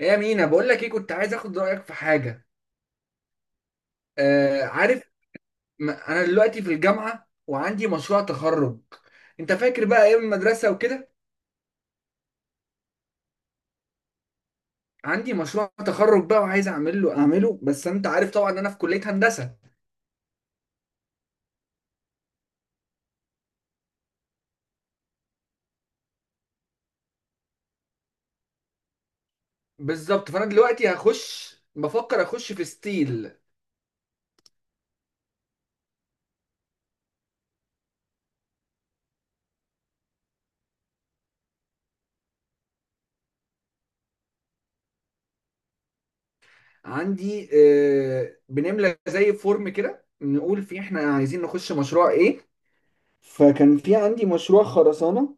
ايه يا مينا، بقول لك ايه، كنت عايز اخد رايك في حاجه. آه عارف. انا دلوقتي في الجامعه وعندي مشروع تخرج. انت فاكر بقى ايام المدرسه وكده؟ عندي مشروع تخرج بقى وعايز اعمل له اعمله، بس انت عارف طبعا ان انا في كليه هندسه. بالظبط، فانا دلوقتي هخش بفكر اخش في ستيل. عندي آه بنملى زي فورم كده نقول فيه احنا عايزين نخش مشروع ايه. فكان في عندي مشروع خرسانه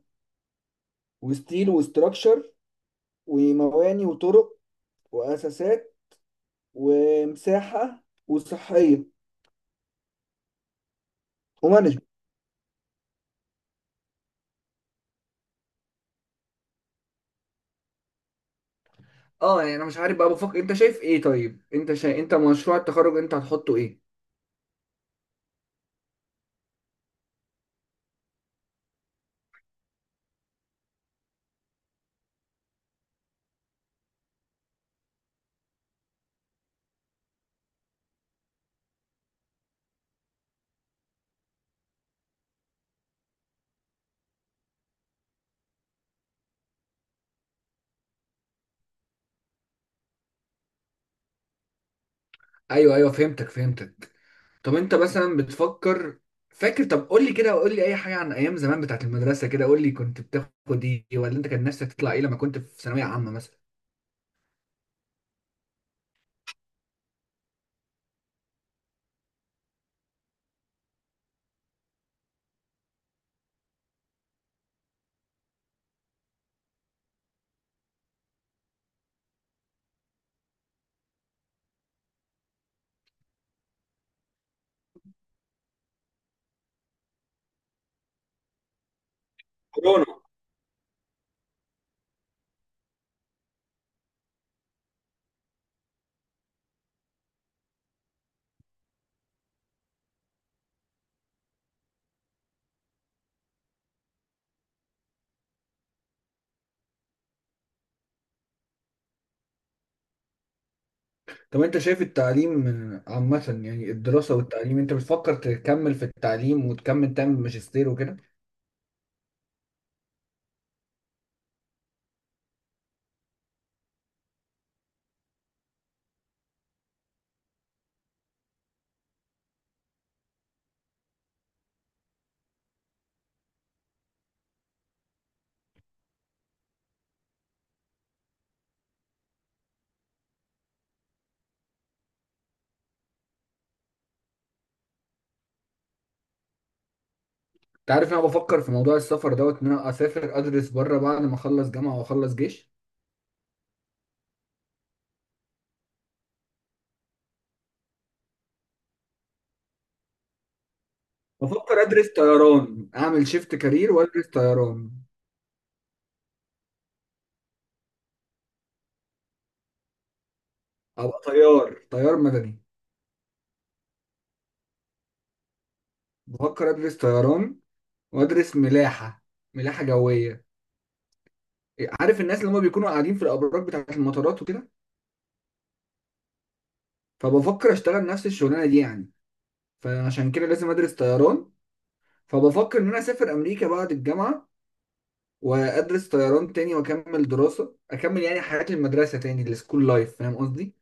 وستيل وستراكشر ومواني وطرق واساسات ومساحة وصحية ومانجمنت. اه يعني انا مش عارف بقى، بفكر انت شايف ايه. طيب انت شايف، انت مشروع التخرج انت هتحطه ايه؟ ايوه ايوه فهمتك فهمتك. طب انت مثلا بتفكر فاكر، طب قول لي كده، قول لي اي حاجه عن ايام زمان بتاعت المدرسه كده، قول لي كنت بتاخد ايه، ولا انت كان نفسك تطلع ايه لما كنت في ثانويه عامه مثلا؟ كورونا. طب انت شايف التعليم عامه، يعني الدراسه والتعليم، انت بتفكر تكمل في التعليم وتكمل تعمل ماجستير وكده؟ انت عارف انا بفكر في موضوع السفر دوت ان انا اسافر ادرس بره بعد ما اخلص جامعه واخلص جيش. بفكر ادرس طيران، اعمل شيفت كارير وادرس طيران. ابقى طيار، طيار مدني. بفكر ادرس طيران وادرس ملاحه، ملاحه جويه. عارف الناس اللي هم بيكونوا قاعدين في الابراج بتاعه المطارات وكده؟ فبفكر اشتغل نفس الشغلانه دي يعني. فعشان كده لازم ادرس طيران. فبفكر ان انا اسافر امريكا بعد الجامعه، وادرس طيران تاني واكمل دراسه، اكمل يعني حياه المدرسه تاني، السكول لايف، فاهم قصدي؟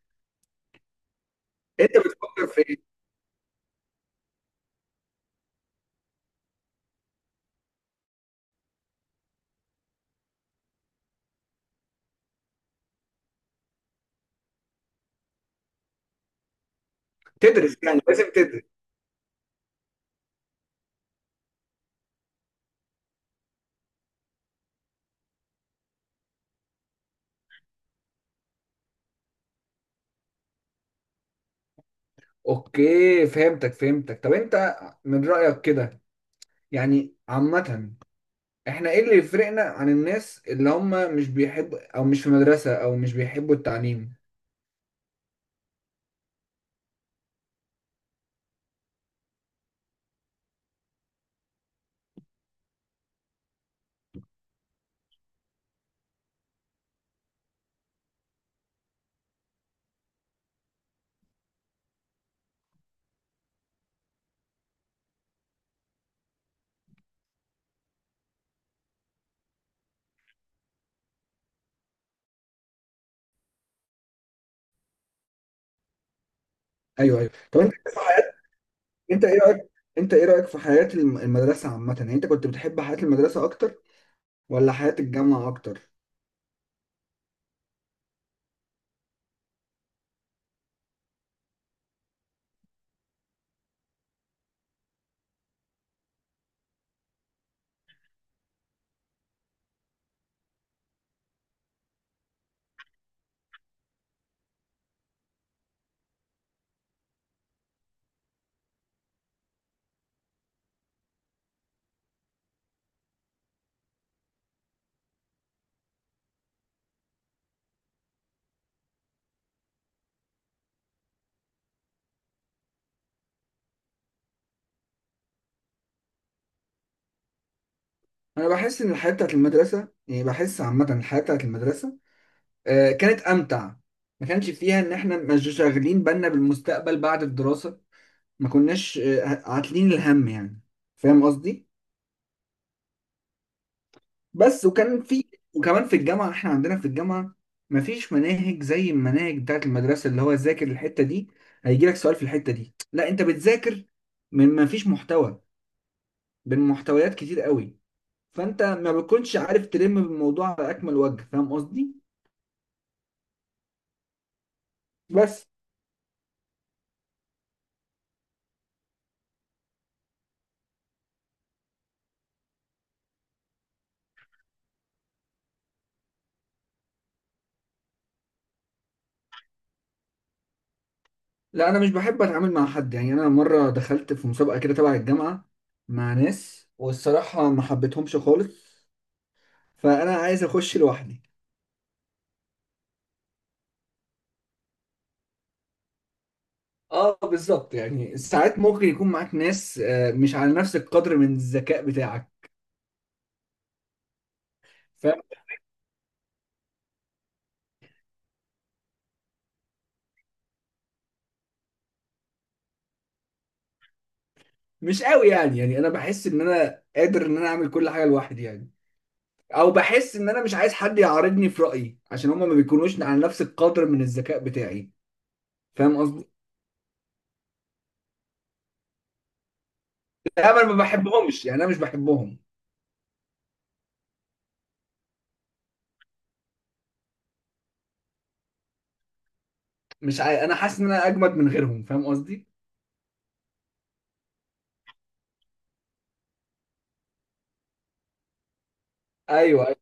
انت بتفكر في ايه؟ تدرس يعني، لازم تدرس. اوكي فهمتك فهمتك. طب انت، من رأيك كده يعني عامة، احنا ايه اللي يفرقنا عن الناس اللي هم مش بيحبوا، او مش في مدرسة، او مش بيحبوا التعليم؟ ايوه ايوه. طب انت في حياة، انت ايه رأيك، انت ايه رأيك في حياة المدرسة عامة؟ يعني انت كنت بتحب حياة المدرسة اكتر ولا حياة الجامعة اكتر؟ انا بحس ان الحياة بتاعت المدرسة، يعني بحس عامة الحياة بتاعت المدرسة كانت امتع. ما كانش فيها ان احنا مش شاغلين بالنا بالمستقبل بعد الدراسه. ما كناش عاتلين الهم يعني، فاهم قصدي؟ بس وكان في، وكمان في الجامعه، احنا عندنا في الجامعه ما فيش مناهج زي المناهج بتاعت المدرسه اللي هو ذاكر الحته دي هيجي لك سؤال في الحته دي، لا انت بتذاكر من، ما فيش محتوى من محتويات كتير قوي. فانت ما بتكونش عارف تلم بالموضوع على اكمل وجه، فاهم قصدي؟ بس. لا انا مش بحب اتعامل مع حد يعني، انا مره دخلت في مسابقه كده تبع الجامعه مع ناس، والصراحه ما حبيتهمش خالص. فانا عايز اخش لوحدي. اه بالظبط، يعني ساعات ممكن يكون معاك ناس مش على نفس القدر من الذكاء بتاعك. فمش قوي يعني، يعني انا بحس ان انا قادر ان انا اعمل كل حاجه لوحدي يعني، او بحس ان انا مش عايز حد يعارضني في رايي، عشان هما ما بيكونوش على نفس القدر من الذكاء بتاعي. فاهم قصدي؟ لا انا ما بحبهمش يعني، انا مش بحبهم. مش عاي... انا حاسس ان انا اجمد من غيرهم، فاهم قصدي؟ ايوه أيوة.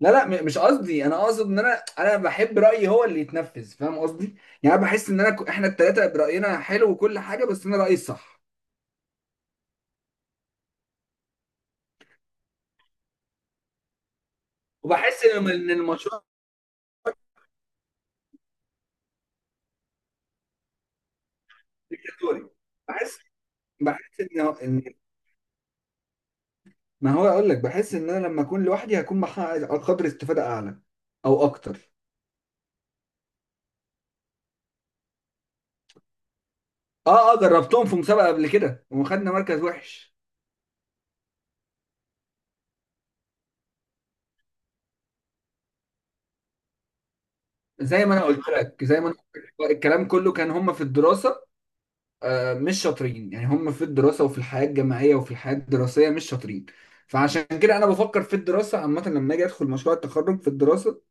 لا لا، مش قصدي، انا اقصد ان انا بحب رايي هو اللي يتنفذ، فاهم قصدي؟ يعني أنا بحس ان انا احنا الثلاثه براينا حلو وكل حاجه، بس انا رايي الصح. وبحس ان إن المشروع دوري. بحس، بحس ان إن- ما هو اقول لك، بحس ان انا لما اكون لوحدي هكون محقق قدر استفاده اعلى او اكتر. اه اه جربتهم في مسابقه قبل كده وخدنا مركز وحش. زي ما انا قلت لك، الكلام كله كان هم في الدراسه. مش شاطرين يعني، هم في الدراسة وفي الحياة الجامعية وفي الحياة الدراسية مش شاطرين. فعشان كده انا بفكر في الدراسة عامة لما اجي ادخل مشروع التخرج في الدراسة،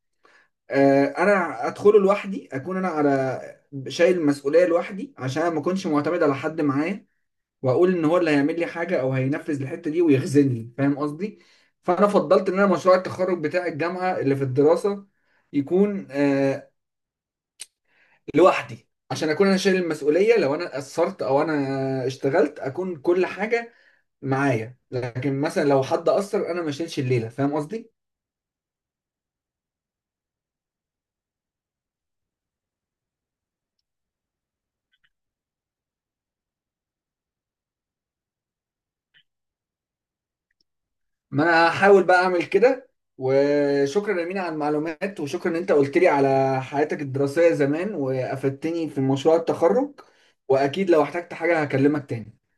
انا ادخله لوحدي، اكون انا على، شايل المسؤولية لوحدي، عشان ما اكونش معتمد على حد معايا واقول ان هو اللي هيعمل لي حاجة او هينفذ الحتة دي ويخزني، فاهم قصدي؟ فانا فضلت ان انا مشروع التخرج بتاع الجامعة اللي في الدراسة يكون لوحدي، عشان اكون انا شايل المسؤوليه. لو انا قصرت او انا اشتغلت اكون كل حاجه معايا، لكن مثلا لو حد قصر انا ما اشيلش الليله، فاهم قصدي؟ ما انا هحاول بقى اعمل كده. وشكرا يا مينا على المعلومات، وشكرا ان انت قلت لي على حياتك الدراسيه زمان وافدتني في مشروع التخرج. واكيد لو احتجت حاجه هكلمك تاني.